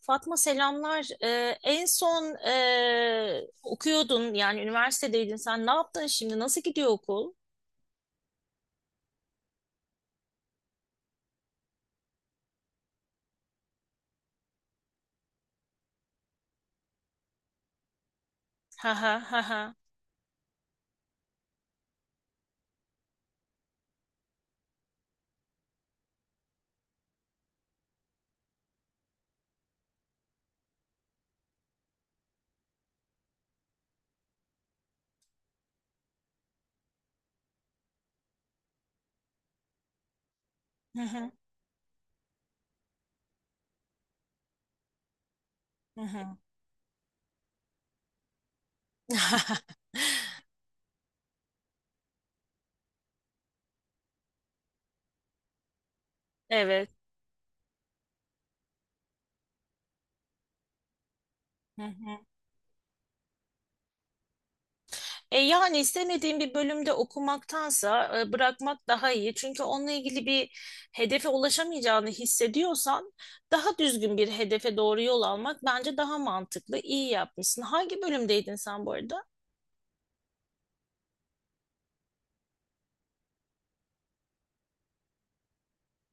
Fatma selamlar. Okuyordun yani üniversitedeydin sen. Ne yaptın şimdi? Nasıl gidiyor okul? Ha ha ha ha. Hı hı, hı hı. Evet. Hı hı. Yani istemediğin bir bölümde okumaktansa bırakmak daha iyi. Çünkü onunla ilgili bir hedefe ulaşamayacağını hissediyorsan daha düzgün bir hedefe doğru yol almak bence daha mantıklı. İyi yapmışsın. Hangi bölümdeydin sen bu arada?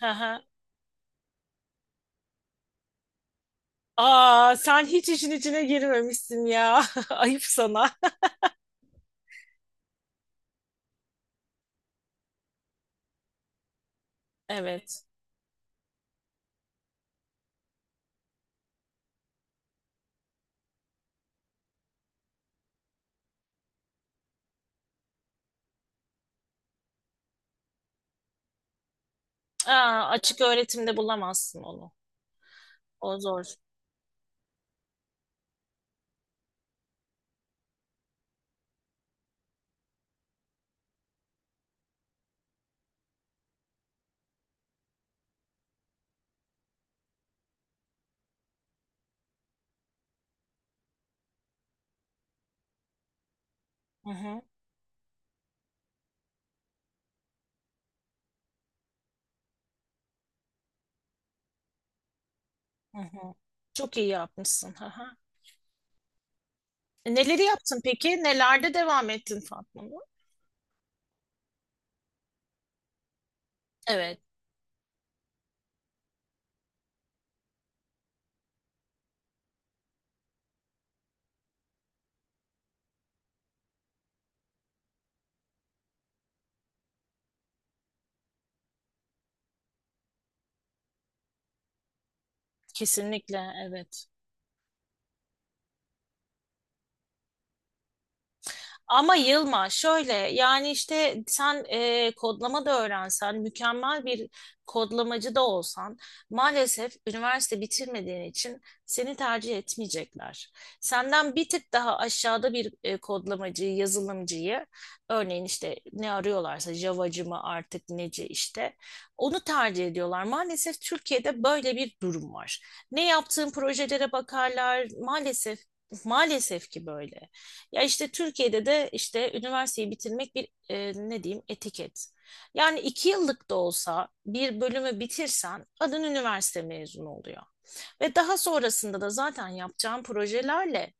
Hı hı. Aa, sen hiç işin içine girmemişsin ya. Ayıp sana. Evet. Aa, açık öğretimde bulamazsın onu. O zor. Hı hı, hı hı. Çok iyi yapmışsın. Hı hı. Neleri yaptın peki? Nelerde devam ettin Fatma? Evet. Kesinlikle. Evet. Ama yılma, şöyle yani işte sen kodlama da öğrensen, mükemmel bir kodlamacı da olsan maalesef üniversite bitirmediğin için seni tercih etmeyecekler. Senden bir tık daha aşağıda bir kodlamacıyı, yazılımcıyı örneğin işte ne arıyorlarsa Java'cı mı artık neci işte onu tercih ediyorlar. Maalesef Türkiye'de böyle bir durum var. Ne yaptığın projelere bakarlar maalesef maalesef ki böyle. Ya işte Türkiye'de de işte üniversiteyi bitirmek bir ne diyeyim etiket. Yani iki yıllık da olsa bir bölümü bitirsen adın üniversite mezunu oluyor. Ve daha sonrasında da zaten yapacağın projelerle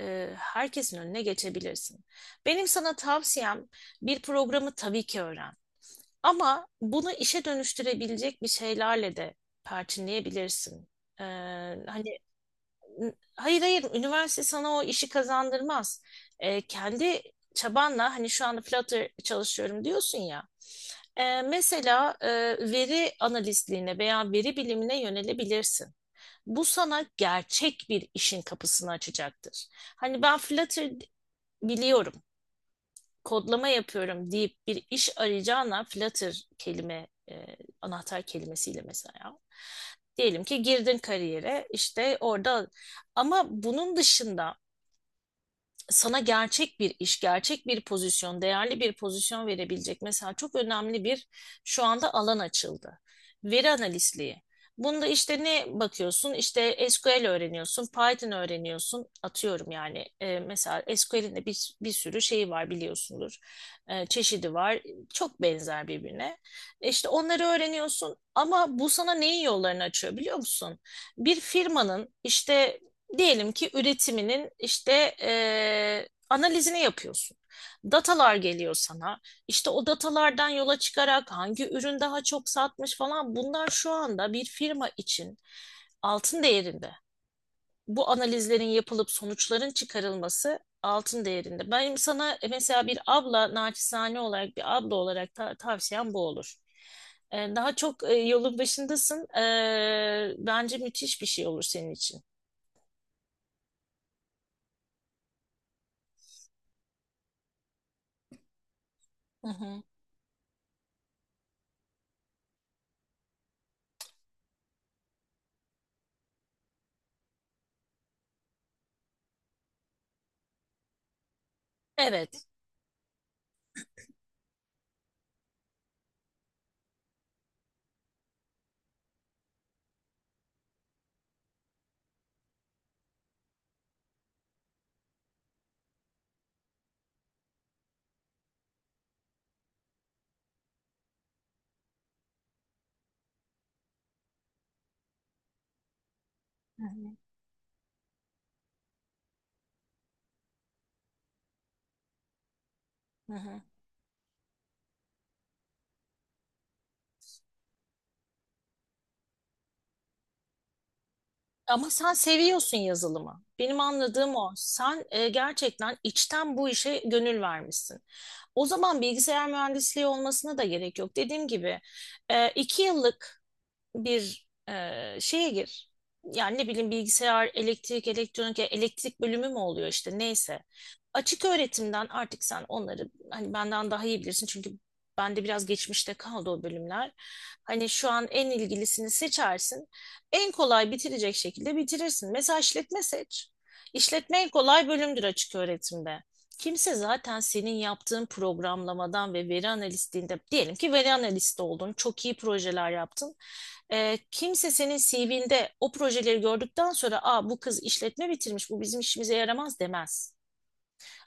e, herkesin önüne geçebilirsin. Benim sana tavsiyem bir programı tabii ki öğren. Ama bunu işe dönüştürebilecek bir şeylerle de perçinleyebilirsin. E, hani Hayır hayır, üniversite sana o işi kazandırmaz. Kendi çabanla hani şu anda Flutter çalışıyorum diyorsun ya. Mesela, veri analistliğine veya veri bilimine yönelebilirsin. Bu sana gerçek bir işin kapısını açacaktır. Hani ben Flutter biliyorum, kodlama yapıyorum deyip bir iş arayacağına Flutter anahtar kelimesiyle mesela. Diyelim ki girdin kariyere işte orada, ama bunun dışında sana gerçek bir iş, gerçek bir pozisyon, değerli bir pozisyon verebilecek mesela çok önemli bir şu anda alan açıldı. Veri analistliği. Bunda işte ne bakıyorsun? İşte SQL öğreniyorsun, Python öğreniyorsun. Atıyorum yani mesela SQL'in de bir sürü şeyi var biliyorsundur. Çeşidi var. Çok benzer birbirine. İşte onları öğreniyorsun ama bu sana neyin yollarını açıyor biliyor musun? Bir firmanın işte, diyelim ki üretiminin işte analizini yapıyorsun. Datalar geliyor sana. İşte o datalardan yola çıkarak hangi ürün daha çok satmış falan, bunlar şu anda bir firma için altın değerinde. Bu analizlerin yapılıp sonuçların çıkarılması altın değerinde. Benim sana mesela bir abla, naçizane olarak bir abla olarak tavsiyem bu olur. Daha çok yolun başındasın. Bence müthiş bir şey olur senin için. Hı hı. Evet. Hı hı, hı hı. Ama sen seviyorsun yazılımı. Benim anladığım o. Sen gerçekten içten bu işe gönül vermişsin. O zaman bilgisayar mühendisliği olmasına da gerek yok. Dediğim gibi iki yıllık bir şeye gir. Yani ne bileyim bilgisayar, elektrik, elektronik, elektrik bölümü mü oluyor işte neyse. Açık öğretimden artık sen onları hani benden daha iyi bilirsin çünkü bende biraz geçmişte kaldı o bölümler. Hani şu an en ilgilisini seçersin. En kolay bitirecek şekilde bitirirsin. Mesela işletme seç. İşletme en kolay bölümdür açık öğretimde. Kimse zaten senin yaptığın programlamadan ve veri analistliğinde diyelim ki veri analisti oldun, çok iyi projeler yaptın. Kimse senin CV'nde o projeleri gördükten sonra, aa, bu kız işletme bitirmiş bu bizim işimize yaramaz demez.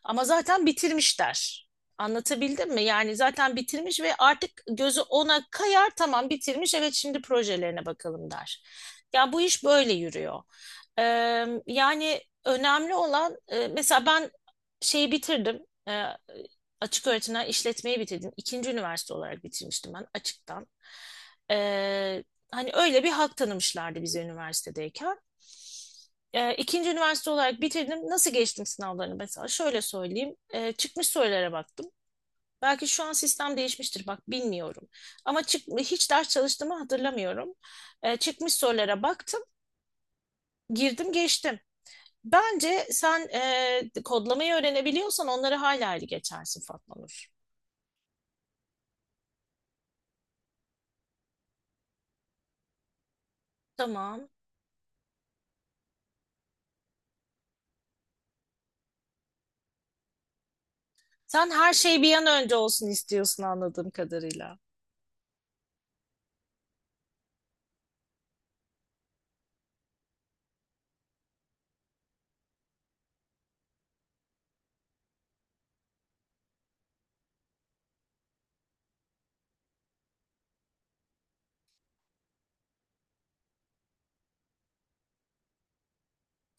Ama zaten bitirmişler. Anlatabildim mi? Yani zaten bitirmiş ve artık gözü ona kayar, tamam bitirmiş evet, şimdi projelerine bakalım der. Ya bu iş böyle yürüyor. Ee, Yani önemli olan mesela ben şeyi bitirdim. Ee, Açık öğretimden işletmeyi bitirdim. İkinci üniversite olarak bitirmiştim ben açıktan. Ee, Hani öyle bir hak tanımışlardı bize üniversitedeyken. İkinci üniversite olarak bitirdim. Nasıl geçtim sınavlarını mesela? Şöyle söyleyeyim. Çıkmış sorulara baktım. Belki şu an sistem değişmiştir bak bilmiyorum. Ama hiç ders çalıştığımı hatırlamıyorum. Çıkmış sorulara baktım. Girdim geçtim. Bence sen kodlamayı öğrenebiliyorsan onları hala iyi geçersin Fatma Nur. Tamam. Sen her şey bir an önce olsun istiyorsun anladığım kadarıyla.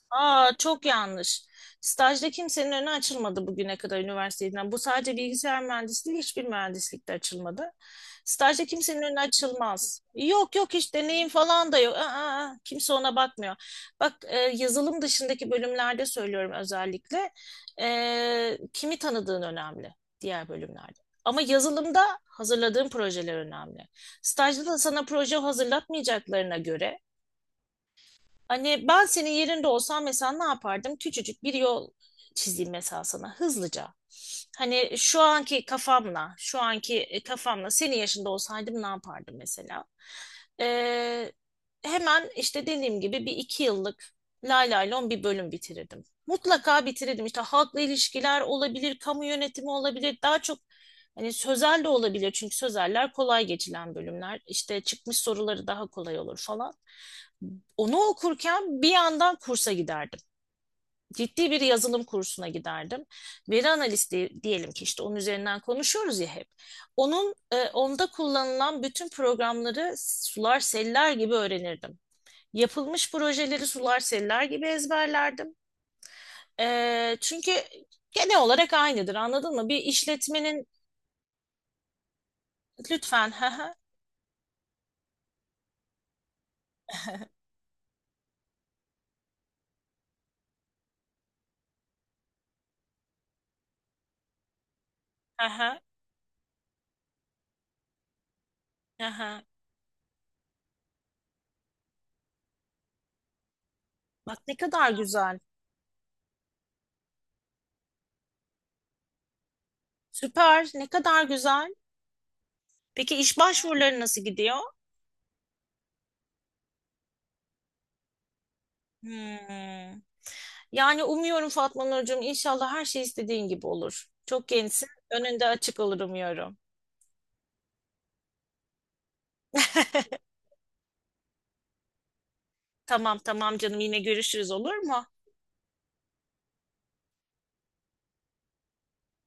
Aa, çok yanlış. Stajda kimsenin önü açılmadı bugüne kadar üniversiteden. Bu sadece bilgisayar mühendisliği, hiçbir mühendislikte açılmadı. Stajda kimsenin önü açılmaz. Yok yok, hiç deneyim falan da yok. Aa, aa, kimse ona bakmıyor. Bak, yazılım dışındaki bölümlerde söylüyorum özellikle. Kimi tanıdığın önemli diğer bölümlerde. Ama yazılımda hazırladığın projeler önemli. Stajda da sana proje hazırlatmayacaklarına göre, hani ben senin yerinde olsam mesela ne yapardım? Küçücük bir yol çizeyim mesela sana hızlıca. Hani şu anki kafamla, şu anki kafamla senin yaşında olsaydım ne yapardım mesela? Ee, Hemen işte dediğim gibi bir iki yıllık lay lay lon bir bölüm bitirirdim. Mutlaka bitirirdim. İşte halkla ilişkiler olabilir, kamu yönetimi olabilir. Daha çok hani sözel de olabilir. Çünkü sözeller kolay geçilen bölümler. İşte çıkmış soruları daha kolay olur falan. Onu okurken bir yandan kursa giderdim. Ciddi bir yazılım kursuna giderdim. Veri analisti diyelim ki işte onun üzerinden konuşuyoruz ya hep. Onda kullanılan bütün programları sular seller gibi öğrenirdim. Yapılmış projeleri sular seller gibi ezberlerdim. Çünkü genel olarak aynıdır anladın mı? Bir işletmenin lütfen ha ha ha ha ha ha. Bak ne kadar güzel. Süper, ne kadar güzel. Peki iş başvuruları nasıl gidiyor? Hmm. Yani umuyorum Fatma Nurcuğum inşallah her şey istediğin gibi olur. Çok gençsin. Önünde açık olur umuyorum. Tamam tamam canım, yine görüşürüz olur mu?